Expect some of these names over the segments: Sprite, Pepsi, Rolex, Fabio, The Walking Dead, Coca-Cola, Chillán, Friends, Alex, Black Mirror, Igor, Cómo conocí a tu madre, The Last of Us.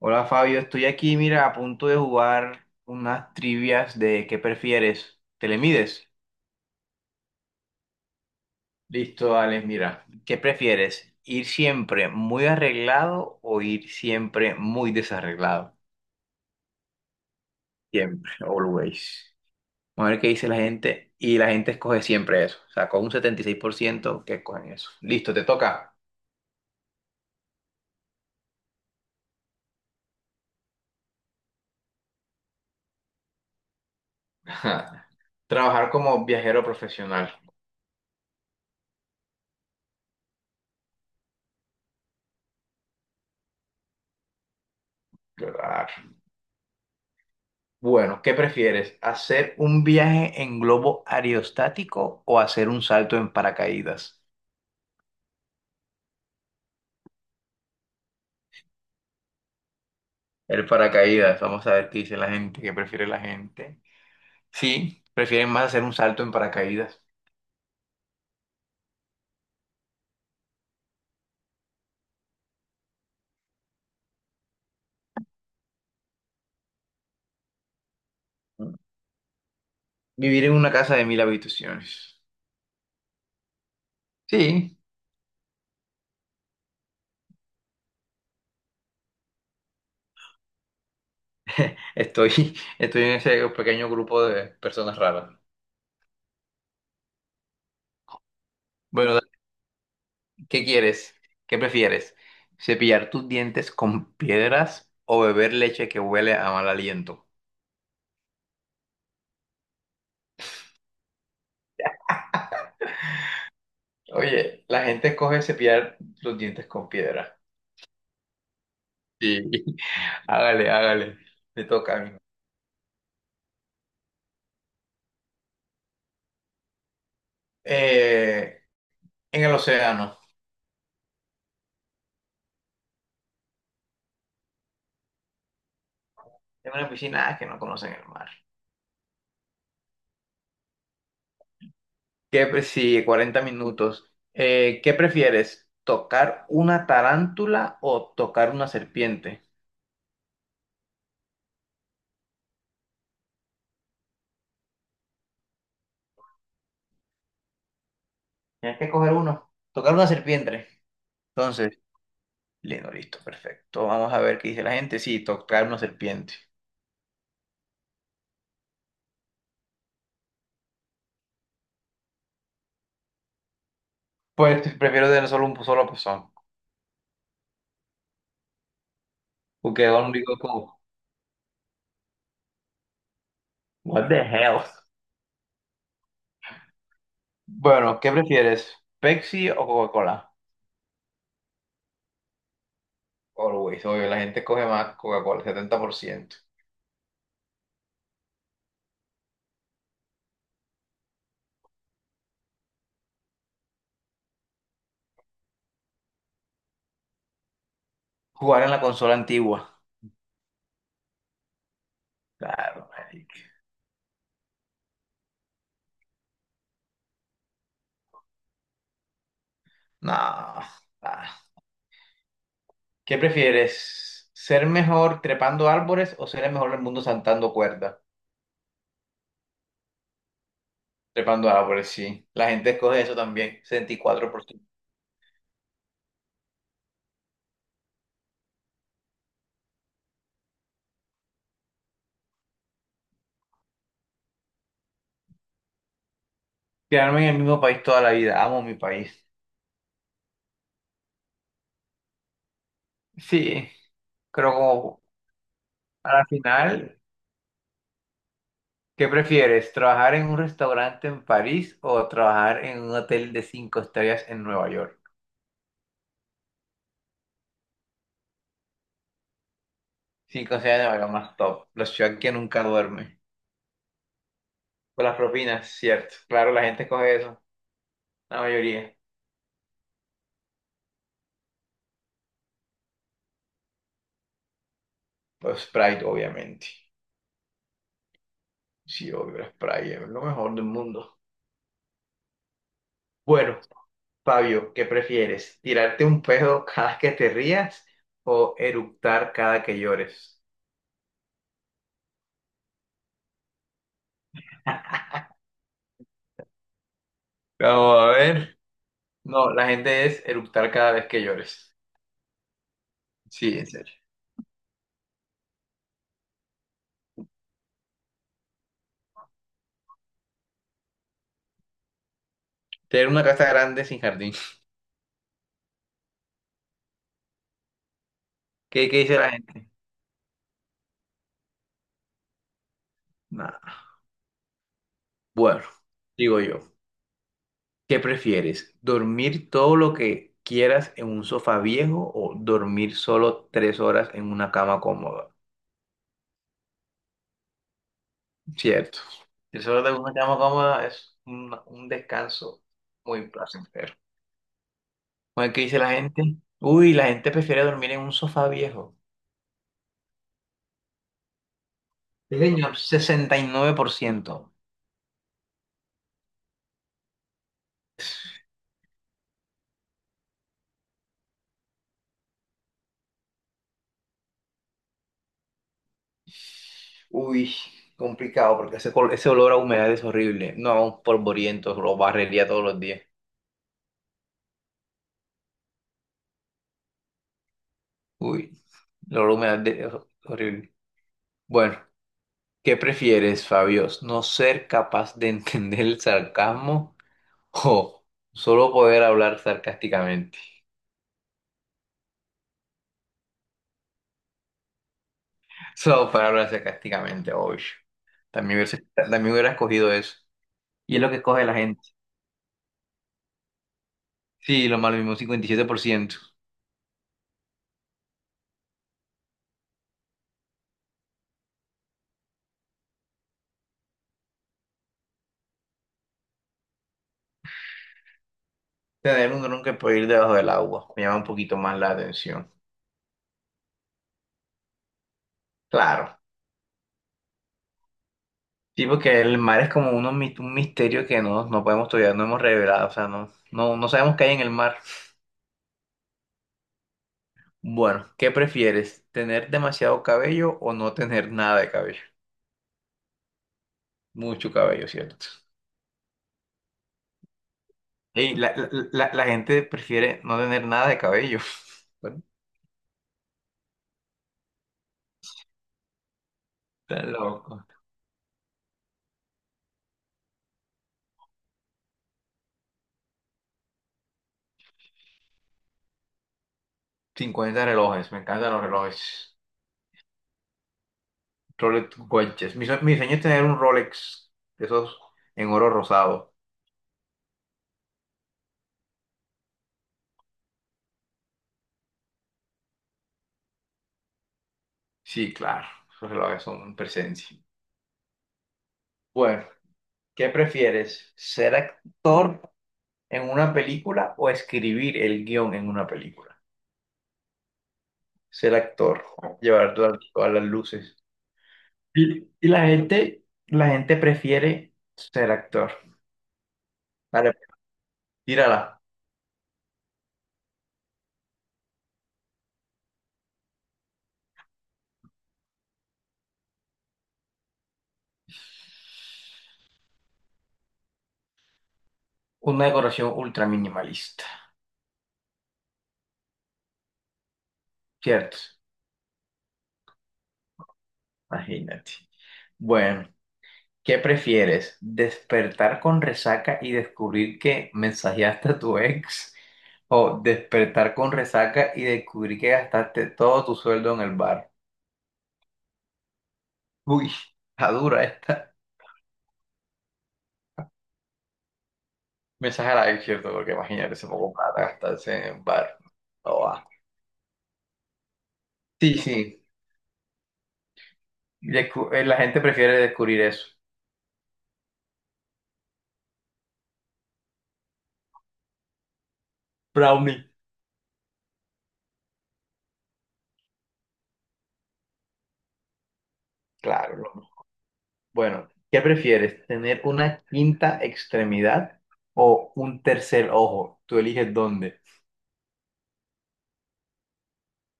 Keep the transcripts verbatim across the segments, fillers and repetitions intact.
Hola Fabio, estoy aquí, mira, a punto de jugar unas trivias de ¿qué prefieres? ¿Te le mides? Listo, Alex, mira, ¿qué prefieres? ¿Ir siempre muy arreglado o ir siempre muy desarreglado? Siempre, always. A ver qué dice la gente y la gente escoge siempre eso. O sea, con un setenta y seis por ciento que escogen eso. Listo, te toca. Trabajar como viajero profesional. Bueno, ¿qué prefieres? ¿Hacer un viaje en globo aerostático o hacer un salto en paracaídas? El paracaídas, vamos a ver qué dice la gente, qué prefiere la gente. Sí, prefieren más hacer un salto en paracaídas. Vivir en una casa de mil habitaciones. Sí, estoy, estoy en ese pequeño grupo de personas raras. Bueno, da- ¿qué quieres? ¿Qué prefieres? ¿Cepillar tus dientes con piedras o beber leche que huele a mal aliento? Oye, la gente coge cepillar los dientes con piedra. Sí. Hágale, hágale. Me toca a mí. Eh, en el océano. En una piscina ah, que no conocen el mar. ¿Qué pre- sí, 40 minutos. Eh, ¿qué prefieres? ¿Tocar una tarántula o tocar una serpiente? Tienes que coger uno. Tocar una serpiente. Entonces, lindo, listo, perfecto. Vamos a ver qué dice la gente. Sí, tocar una serpiente. Pues prefiero tener solo un solo pezón. Porque yo digo como, what the hell? Bueno, ¿qué prefieres? ¿Pepsi o Coca-Cola? Always, obvio, la gente coge más Coca-Cola, setenta por ciento. Jugar en la consola antigua. Claro, marica. No. Ah. ¿Qué prefieres? ¿Ser mejor trepando árboles o ser el mejor del mundo saltando cuerdas? Trepando árboles, sí. La gente escoge eso también, sesenta y cuatro por ciento. Quedarme en el mismo país toda la vida. Amo mi país. Sí, creo como a la final. ¿Qué prefieres, trabajar en un restaurante en París o trabajar en un hotel de cinco estrellas en Nueva York? Cinco estrellas en Nueva York, más top. La ciudad que nunca duerme. Por las propinas, cierto. Claro, la gente coge eso. La mayoría. Pues Sprite, obviamente. Sí, obvio, la Sprite es lo mejor del mundo. Bueno, Fabio, ¿qué prefieres? ¿Tirarte un pedo cada que te rías o eructar cada que llores? Vamos a ver. No, la gente es eructar cada vez que llores. Sí, en serio. Tener una casa grande sin jardín. ¿Qué, qué dice la gente? Nada. Bueno, digo yo, ¿qué prefieres? ¿Dormir todo lo que quieras en un sofá viejo o dormir solo tres horas en una cama cómoda? Cierto. Tres horas en una cama cómoda es un, un descanso muy placentero. Bueno, ¿qué dice la gente? Uy, la gente prefiere dormir en un sofá viejo. Sí, señor, sesenta y nueve por ciento. Uy, complicado porque ese, col- ese olor a humedad es horrible. No, un polvoriento, lo barrería todos los días. Uy, el olor a humedad de- es horrible. Bueno, ¿qué prefieres, Fabios? ¿No ser capaz de entender el sarcasmo o solo poder hablar sarcásticamente? Solo poder hablar sarcásticamente, obvio. También hubiera, también hubiera escogido eso. Y es lo que escoge la gente. Sí, lo malo mismo, un cincuenta y siete por ciento. Tener un dron que puede ir debajo del agua me llama un poquito más la atención. Claro. Sí, porque el mar es como uno mi- un misterio que no, no podemos todavía, no hemos revelado, o sea, no, no, no sabemos qué hay en el mar. Bueno, ¿qué prefieres? ¿Tener demasiado cabello o no tener nada de cabello? Mucho cabello, ¿cierto? Ey, la, la, la- la gente prefiere no tener nada de cabello. Bueno, está loco. 50 relojes, me encantan los relojes. Rolex Watches. Mi, sue- mi sueño es tener un Rolex, de esos en oro rosado. Sí, claro, esos relojes son presencia. Bueno. ¿Qué prefieres? ¿Ser actor en una película o escribir el guión en una película? Ser actor, llevar todas, todas las luces. Y, y la gente, la gente prefiere ser actor. Vale, tírala. Una decoración ultra minimalista, ¿cierto? Imagínate. Bueno, ¿qué prefieres? ¿Despertar con resaca y descubrir que mensajeaste a tu ex? ¿O despertar con resaca y descubrir que gastaste todo tu sueldo en el bar? Uy, está dura esta. Mensaje a la ex, ¿cierto? Porque imagínate, se poco plata gastarse en el bar. No va. Sí, sí. Descu- eh, la gente prefiere descubrir eso. Brownie. Claro. No. Bueno, ¿qué prefieres? ¿Tener una quinta extremidad o un tercer ojo? Tú eliges dónde.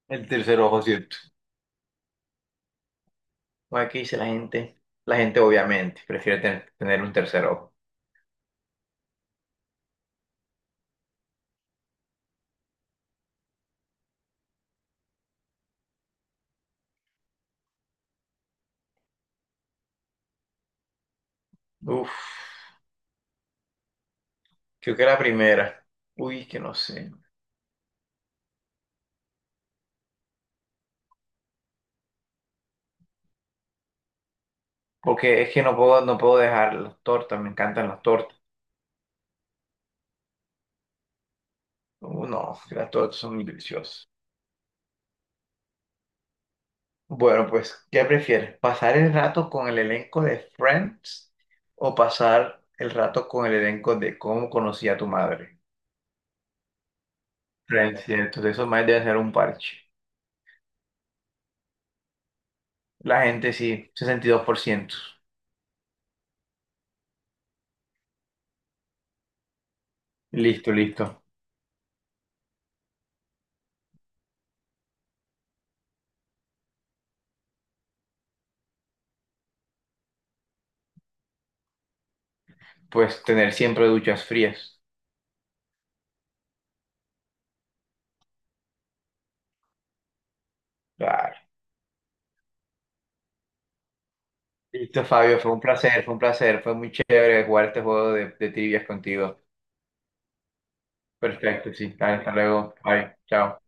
El tercer ojo, cierto. Aquí dice la gente, la gente, obviamente prefiere ten- tener un tercer ojo. Uf, creo que la primera. Uy, que no sé. Porque es que no puedo, no puedo dejar las tortas, me encantan las tortas. Uh, no, que las tortas son muy deliciosas. Bueno, pues, ¿qué prefieres? ¿Pasar el rato con el elenco de Friends o pasar el rato con el elenco de Cómo conocí a tu madre? Friends, cierto, de eso más debe ser un parche. La gente sí, sesenta y dos por ciento. Listo, listo. Pues tener siempre duchas frías. Claro. Listo, Fabio, fue un placer, fue un placer, fue muy chévere jugar este juego de, de trivias contigo. Perfecto, sí. Dale, hasta luego. Bye. Chao.